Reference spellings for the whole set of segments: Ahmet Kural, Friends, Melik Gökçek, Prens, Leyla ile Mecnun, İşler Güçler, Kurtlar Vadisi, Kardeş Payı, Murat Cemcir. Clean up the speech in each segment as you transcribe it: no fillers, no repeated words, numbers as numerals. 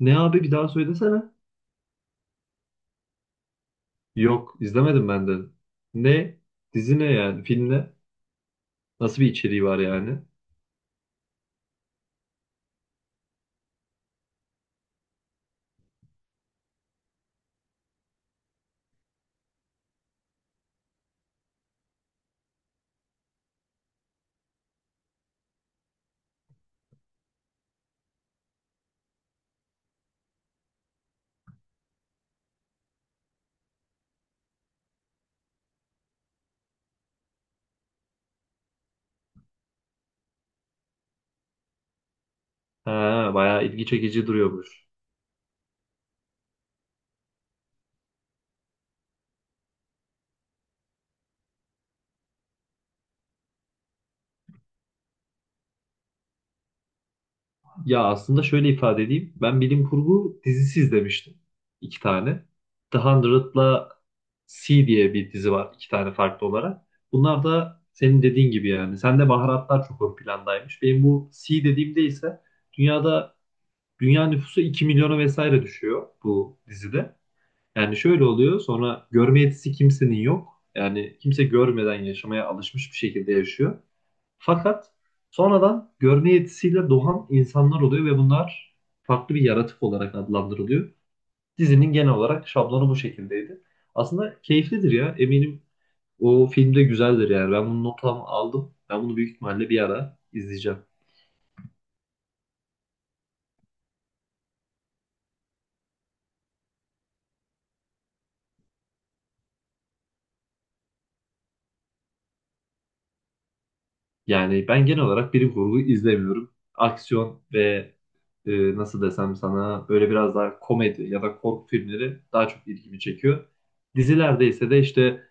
Ne abi bir daha söylesene. Yok izlemedim ben de. Ne? Dizi ne yani? Film ne? Nasıl bir içeriği var yani? Ha, bayağı ilgi çekici duruyormuş. Ya aslında şöyle ifade edeyim. Ben bilim kurgu dizisi izlemiştim. İki tane. The Hundred'la C diye bir dizi var. İki tane farklı olarak. Bunlar da senin dediğin gibi yani. Sende baharatlar çok ön plandaymış. Benim bu C dediğimde ise dünyada dünya nüfusu 2 milyona vesaire düşüyor bu dizide. Yani şöyle oluyor sonra görme yetisi kimsenin yok. Yani kimse görmeden yaşamaya alışmış bir şekilde yaşıyor. Fakat sonradan görme yetisiyle doğan insanlar oluyor ve bunlar farklı bir yaratık olarak adlandırılıyor. Dizinin genel olarak şablonu bu şekildeydi. Aslında keyiflidir ya eminim o filmde güzeldir yani ben bunu notamı aldım. Ben bunu büyük ihtimalle bir ara izleyeceğim. Yani ben genel olarak bilim kurgu izlemiyorum. Aksiyon ve nasıl desem sana böyle biraz daha komedi ya da korku filmleri daha çok ilgimi çekiyor. Dizilerde ise de işte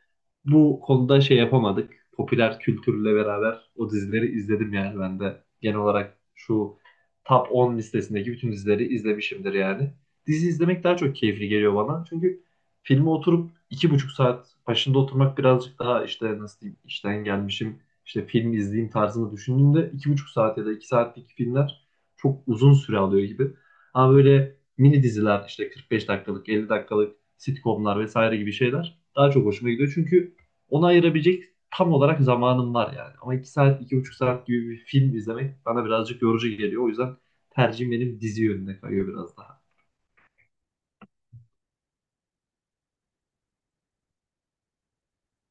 bu konuda şey yapamadık. Popüler kültürle beraber o dizileri izledim yani ben de. Genel olarak şu top 10 listesindeki bütün dizileri izlemişimdir yani. Dizi izlemek daha çok keyifli geliyor bana. Çünkü filme oturup iki buçuk saat başında oturmak birazcık daha işte nasıl diyeyim işten gelmişim işte film izleyeyim tarzında düşündüğümde iki buçuk saat ya da iki saatlik filmler çok uzun süre alıyor gibi. Ama böyle mini diziler işte 45 dakikalık, 50 dakikalık sitcomlar vesaire gibi şeyler daha çok hoşuma gidiyor. Çünkü ona ayırabilecek tam olarak zamanım var yani. Ama iki saat, iki buçuk saat gibi bir film izlemek bana birazcık yorucu geliyor. O yüzden tercihim benim dizi yönüne kayıyor biraz daha.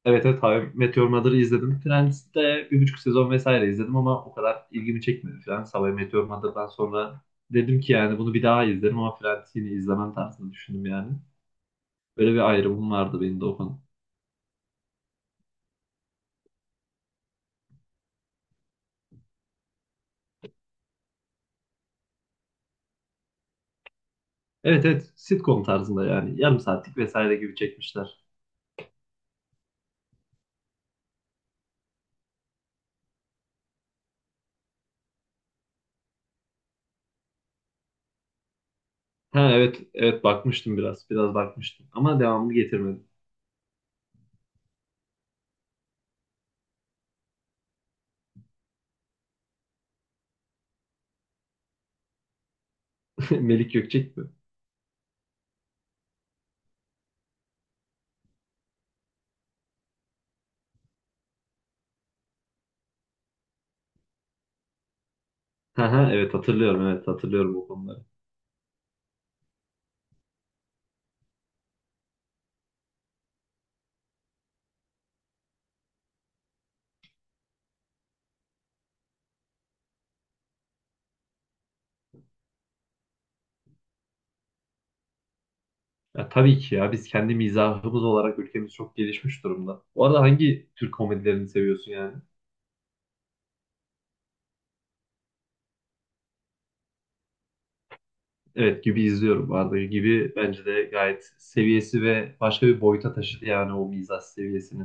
Evet evet, How I Met Your Mother'ı izledim. Friends'te bir buçuk sezon vesaire izledim ama o kadar ilgimi çekmedi Friends. How I Met Your Mother'dan sonra dedim ki yani bunu bir daha izlerim ama Friends'i yine izlemem tarzında düşündüm yani. Böyle bir ayrımım vardı benim de o konu. Evet evet, sitcom tarzında yani yarım saatlik vesaire gibi çekmişler. Ha evet evet, bakmıştım biraz bakmıştım ama devamını getirmedim. Melik Gökçek mi? Ha ha, evet hatırlıyorum, evet hatırlıyorum o konuları. Ya tabii ki ya, biz kendi mizahımız olarak ülkemiz çok gelişmiş durumda. Bu arada hangi Türk komedilerini seviyorsun yani? Evet, gibi izliyorum. Bu arada gibi bence de gayet seviyesi ve başka bir boyuta taşıdı yani o mizah seviyesini.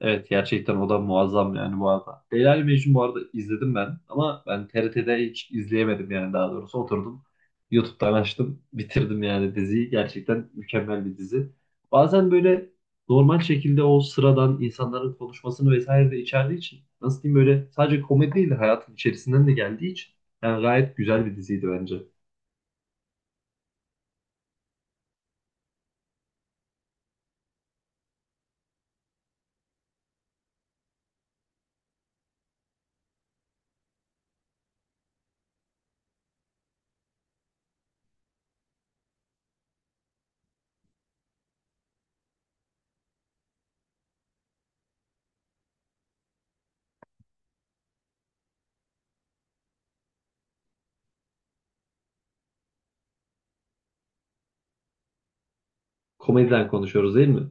Evet gerçekten o da muazzam yani bu arada. Leyla ile Mecnun bu arada izledim ben ama ben TRT'de hiç izleyemedim yani daha doğrusu oturdum. YouTube'dan açtım bitirdim yani diziyi. Gerçekten mükemmel bir dizi. Bazen böyle normal şekilde o sıradan insanların konuşmasını vesaire de içerdiği için nasıl diyeyim böyle sadece komedi değil de hayatın içerisinden de geldiği için yani gayet güzel bir diziydi bence. Komediden konuşuyoruz değil mi?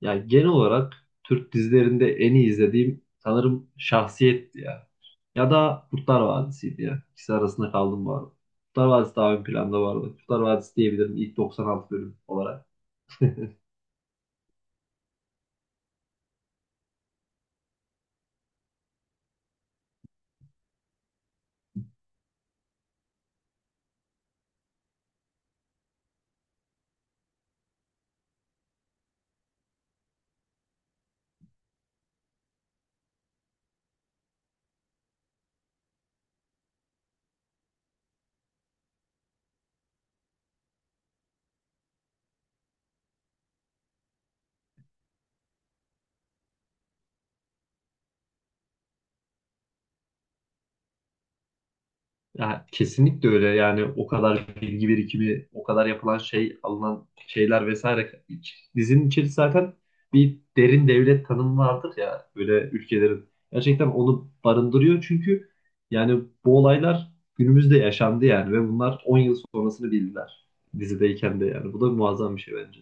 Yani genel olarak Türk dizilerinde en iyi izlediğim sanırım Şahsiyet'ti ya. Ya da Kurtlar Vadisi'ydi ya. İkisi arasında kaldım bu arada. Kurtlar Vadisi daha ön planda vardı. Kurtlar Vadisi diyebilirim ilk 96 bölüm olarak. Ya, kesinlikle öyle yani o kadar bilgi birikimi, o kadar yapılan şey, alınan şeyler vesaire. İç- Dizinin içeri zaten bir derin devlet tanımı vardır ya böyle ülkelerin. Gerçekten onu barındırıyor çünkü yani bu olaylar günümüzde yaşandı yani ve bunlar 10 yıl sonrasını bildiler dizideyken de yani. Bu da muazzam bir şey bence.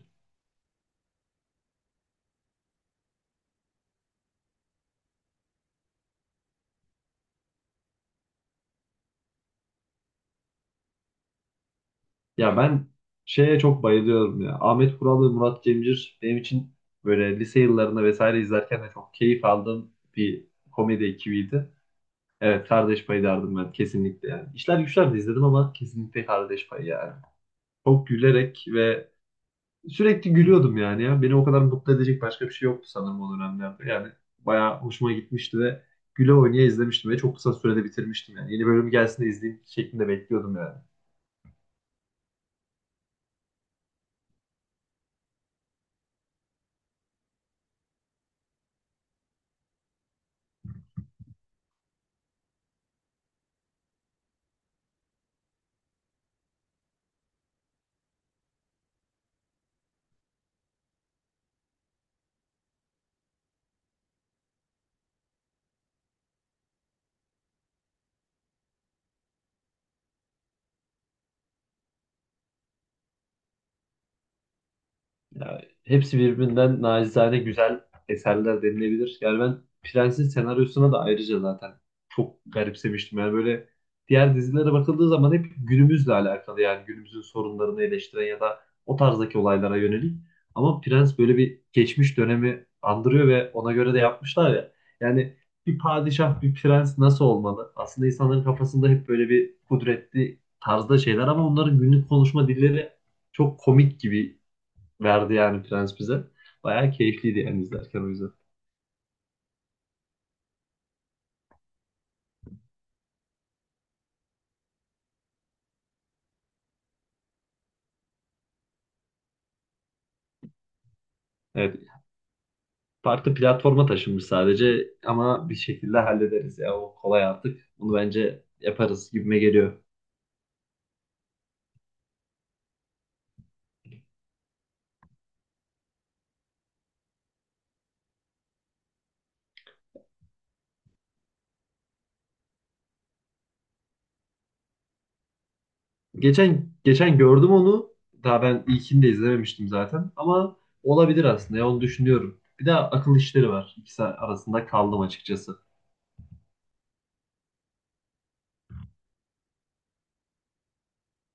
Ya ben şeye çok bayılıyorum ya. Ahmet Kural ve Murat Cemcir benim için böyle lise yıllarında vesaire izlerken de çok keyif aldığım bir komedi ekibiydi. Evet, Kardeş Payı derdim ben kesinlikle yani. İşler Güçler de izledim ama kesinlikle Kardeş Payı yani. Çok gülerek ve sürekli gülüyordum yani ya. Beni o kadar mutlu edecek başka bir şey yoktu sanırım o dönemlerde. Yani bayağı hoşuma gitmişti ve güle oynaya izlemiştim ve çok kısa sürede bitirmiştim yani. Yeni bölüm gelsin de izleyeyim şeklinde bekliyordum yani. Ya, hepsi birbirinden nacizane güzel eserler denilebilir. Yani ben Prens'in senaryosuna da ayrıca zaten çok garipsemiştim. Yani böyle diğer dizilere bakıldığı zaman hep günümüzle alakalı yani günümüzün sorunlarını eleştiren ya da o tarzdaki olaylara yönelik. Ama Prens böyle bir geçmiş dönemi andırıyor ve ona göre de yapmışlar ya. Yani bir padişah, bir prens nasıl olmalı? Aslında insanların kafasında hep böyle bir kudretli tarzda şeyler ama onların günlük konuşma dilleri çok komik gibi verdi yani Prens bize. Bayağı keyifliydi yani izlerken o yüzden. Evet. Farklı platforma taşınmış sadece ama bir şekilde hallederiz ya. O kolay artık. Bunu bence yaparız gibime geliyor. Geçen gördüm onu. Daha ben ilkini de izlememiştim zaten. Ama olabilir aslında. Ya, onu düşünüyorum. Bir de akıl işleri var. İkisi arasında kaldım açıkçası.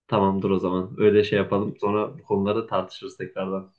Tamamdır o zaman. Öyle şey yapalım. Sonra bu konuları tartışırız tekrardan.